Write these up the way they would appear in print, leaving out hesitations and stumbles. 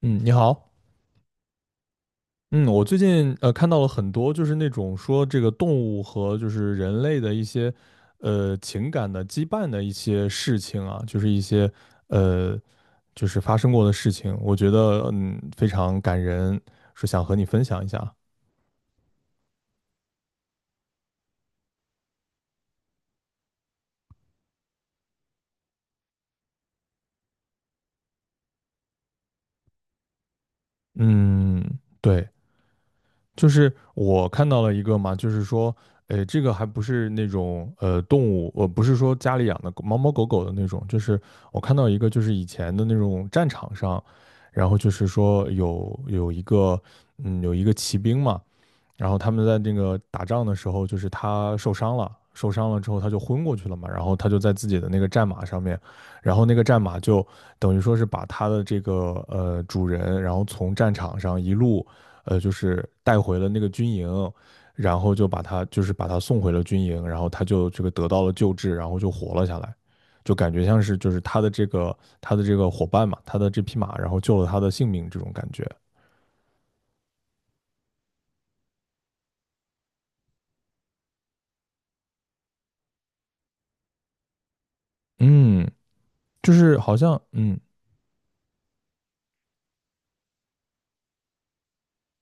嗯，你好。嗯，我最近看到了很多，就是那种说这个动物和就是人类的一些情感的羁绊的一些事情啊，就是一些呃就是发生过的事情，我觉得非常感人，是想和你分享一下。嗯，对。就是我看到了一个嘛，就是说，这个还不是那种动物，我不是说家里养的狗猫猫狗狗的那种，就是我看到一个，就是以前的那种战场上，然后就是说有一个，有一个骑兵嘛，然后他们在那个打仗的时候，就是他受伤了，受伤了之后他就昏过去了嘛，然后他就在自己的那个战马上面，然后那个战马就等于说是把他的这个主人，然后从战场上一路就是带回了那个军营，然后就把他就是把他送回了军营，然后他就这个得到了救治，然后就活了下来，就感觉像是就是他的这个他的这个伙伴嘛，他的这匹马，然后救了他的性命这种感觉。嗯，就是好像嗯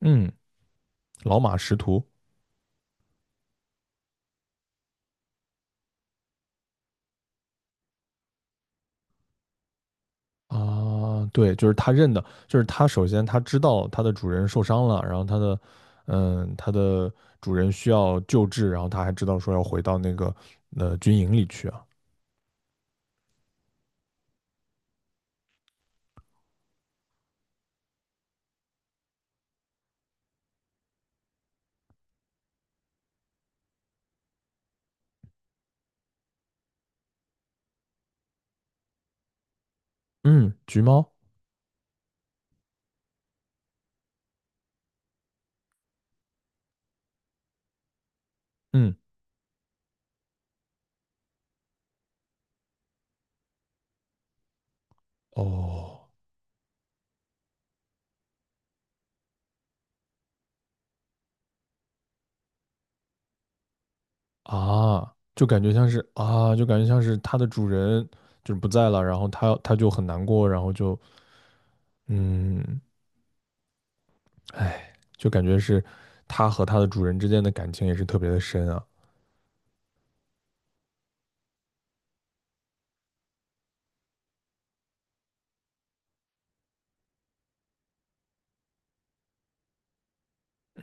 嗯。老马识途。啊，对，就是他认的，就是他首先他知道他的主人受伤了，然后他的，他的主人需要救治，然后他还知道说要回到那个军营里去啊。嗯，橘猫。嗯，哦啊，就感觉像是啊，就感觉像是他的主人就是不在了，然后他就很难过，然后就嗯，哎，就感觉是他和他的主人之间的感情也是特别的深啊。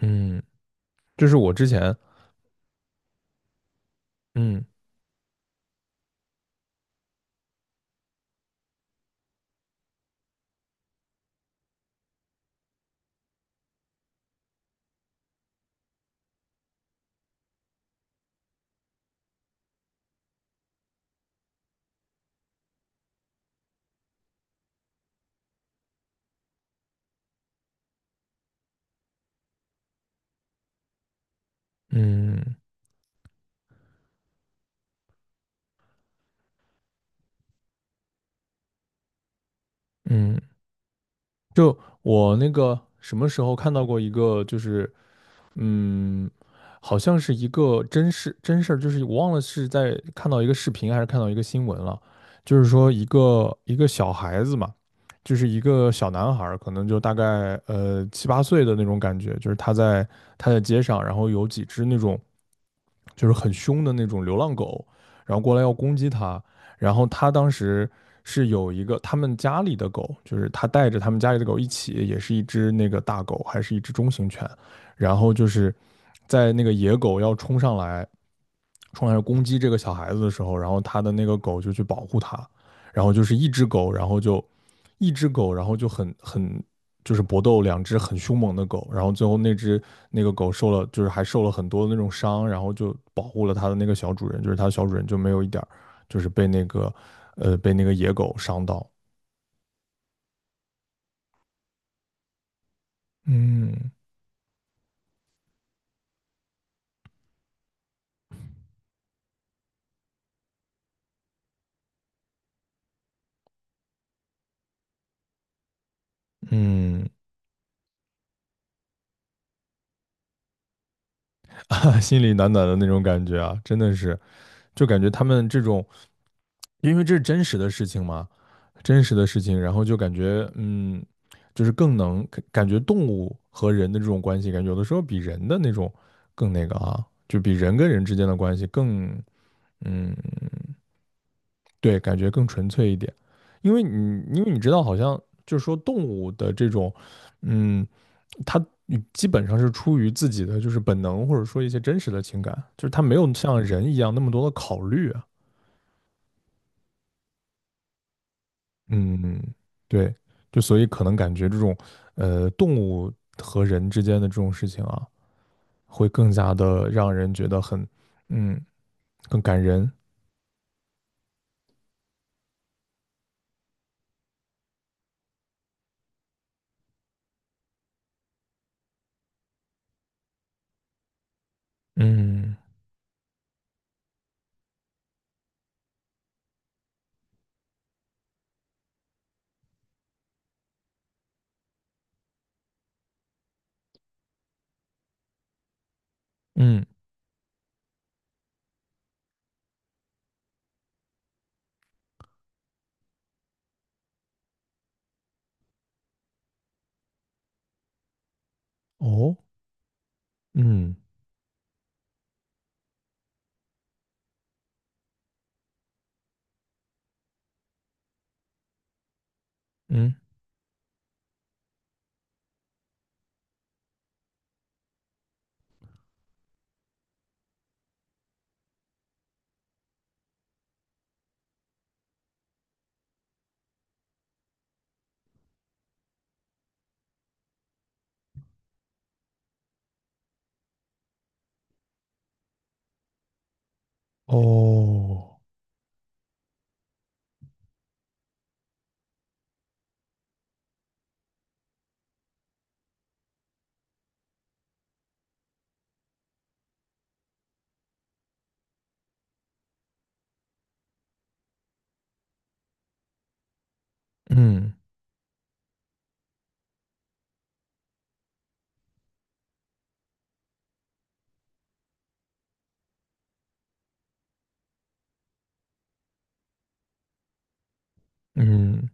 嗯，就是我之前嗯。嗯嗯，就我那个什么时候看到过一个，就是嗯，好像是一个真事真事儿，就是我忘了是在看到一个视频还是看到一个新闻了，就是说一个小孩子嘛，就是一个小男孩儿可能就大概七八岁的那种感觉，就是他在他在街上，然后有几只那种就是很凶的那种流浪狗，然后过来要攻击他，然后他当时是有一个他们家里的狗，就是他带着他们家里的狗一起，也是一只那个大狗，还是一只中型犬。然后就是在那个野狗要冲上来，冲上来攻击这个小孩子的时候，然后他的那个狗就去保护他，然后就是一只狗，然后就一只狗，然后就很就是搏斗，两只很凶猛的狗，然后最后那只那个狗受了就是还受了很多的那种伤，然后就保护了它的那个小主人，就是它小主人就没有一点就是被那个被那个野狗伤到。嗯。嗯，啊，心里暖暖的那种感觉啊，真的是，就感觉他们这种因为这是真实的事情嘛，真实的事情，然后就感觉，嗯，就是更能感觉动物和人的这种关系，感觉有的时候比人的那种更那个啊，就比人跟人之间的关系更。嗯，对，感觉更纯粹一点。因为你，因为你知道，好像就是说动物的这种，嗯，它基本上是出于自己的就是本能，或者说一些真实的情感，就是它没有像人一样那么多的考虑啊。嗯，对，就所以可能感觉这种，动物和人之间的这种事情啊，会更加的让人觉得很。嗯，更感人。嗯嗯哦嗯嗯哦嗯嗯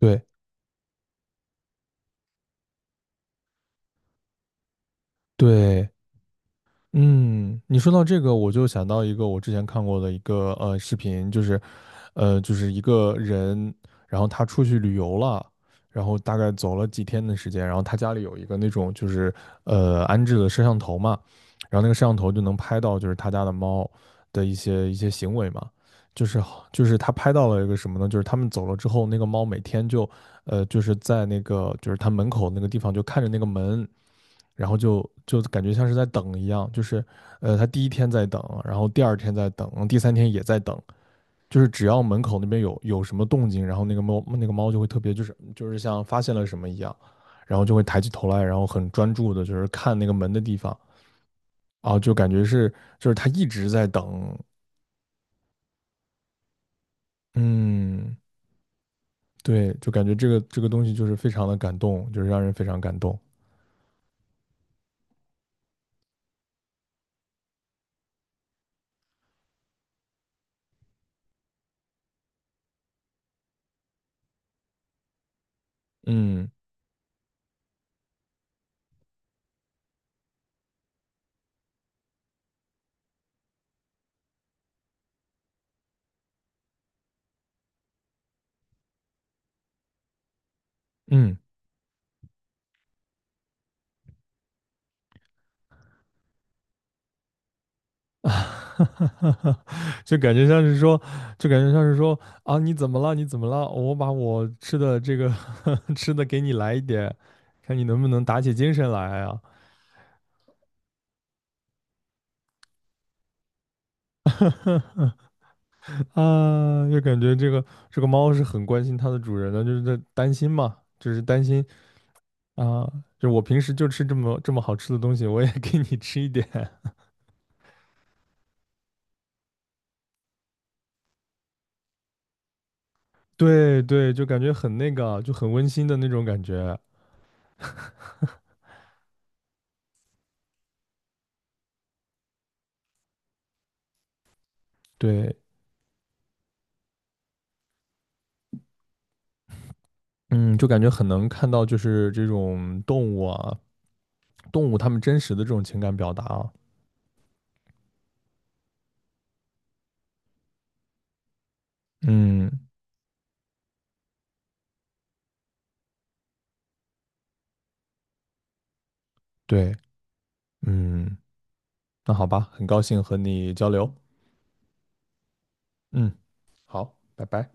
对对。嗯，你说到这个，我就想到一个我之前看过的一个视频，就是，就是一个人，然后他出去旅游了，然后大概走了几天的时间，然后他家里有一个那种就是安置的摄像头嘛，然后那个摄像头就能拍到就是他家的猫的一些行为嘛，就是好就是他拍到了一个什么呢？就是他们走了之后，那个猫每天就就是在那个就是他门口那个地方就看着那个门。然后就就感觉像是在等一样，就是他第一天在等，然后第二天在等，第三天也在等，就是只要门口那边有什么动静，然后那个猫就会特别就是就是像发现了什么一样，然后就会抬起头来，然后很专注的就是看那个门的地方啊，就感觉是就是它一直在等。嗯，对，就感觉这个这个东西就是非常的感动，就是让人非常感动。嗯。嗯。啊，就感觉像是说，就感觉像是说啊，你怎么了？你怎么了？我把我吃的这个 吃的给你来一点，看你能不能打起精神来啊！啊，就感觉这个这个猫是很关心它的主人的，就是在担心嘛，就是担心啊，就我平时就吃这么这么好吃的东西，我也给你吃一点。对对，就感觉很那个，就很温馨的那种感觉。对，嗯，就感觉很能看到就是这种动物啊动物它们真实的这种情感表达啊。嗯，对，嗯，那好吧，很高兴和你交流。嗯，好，拜拜。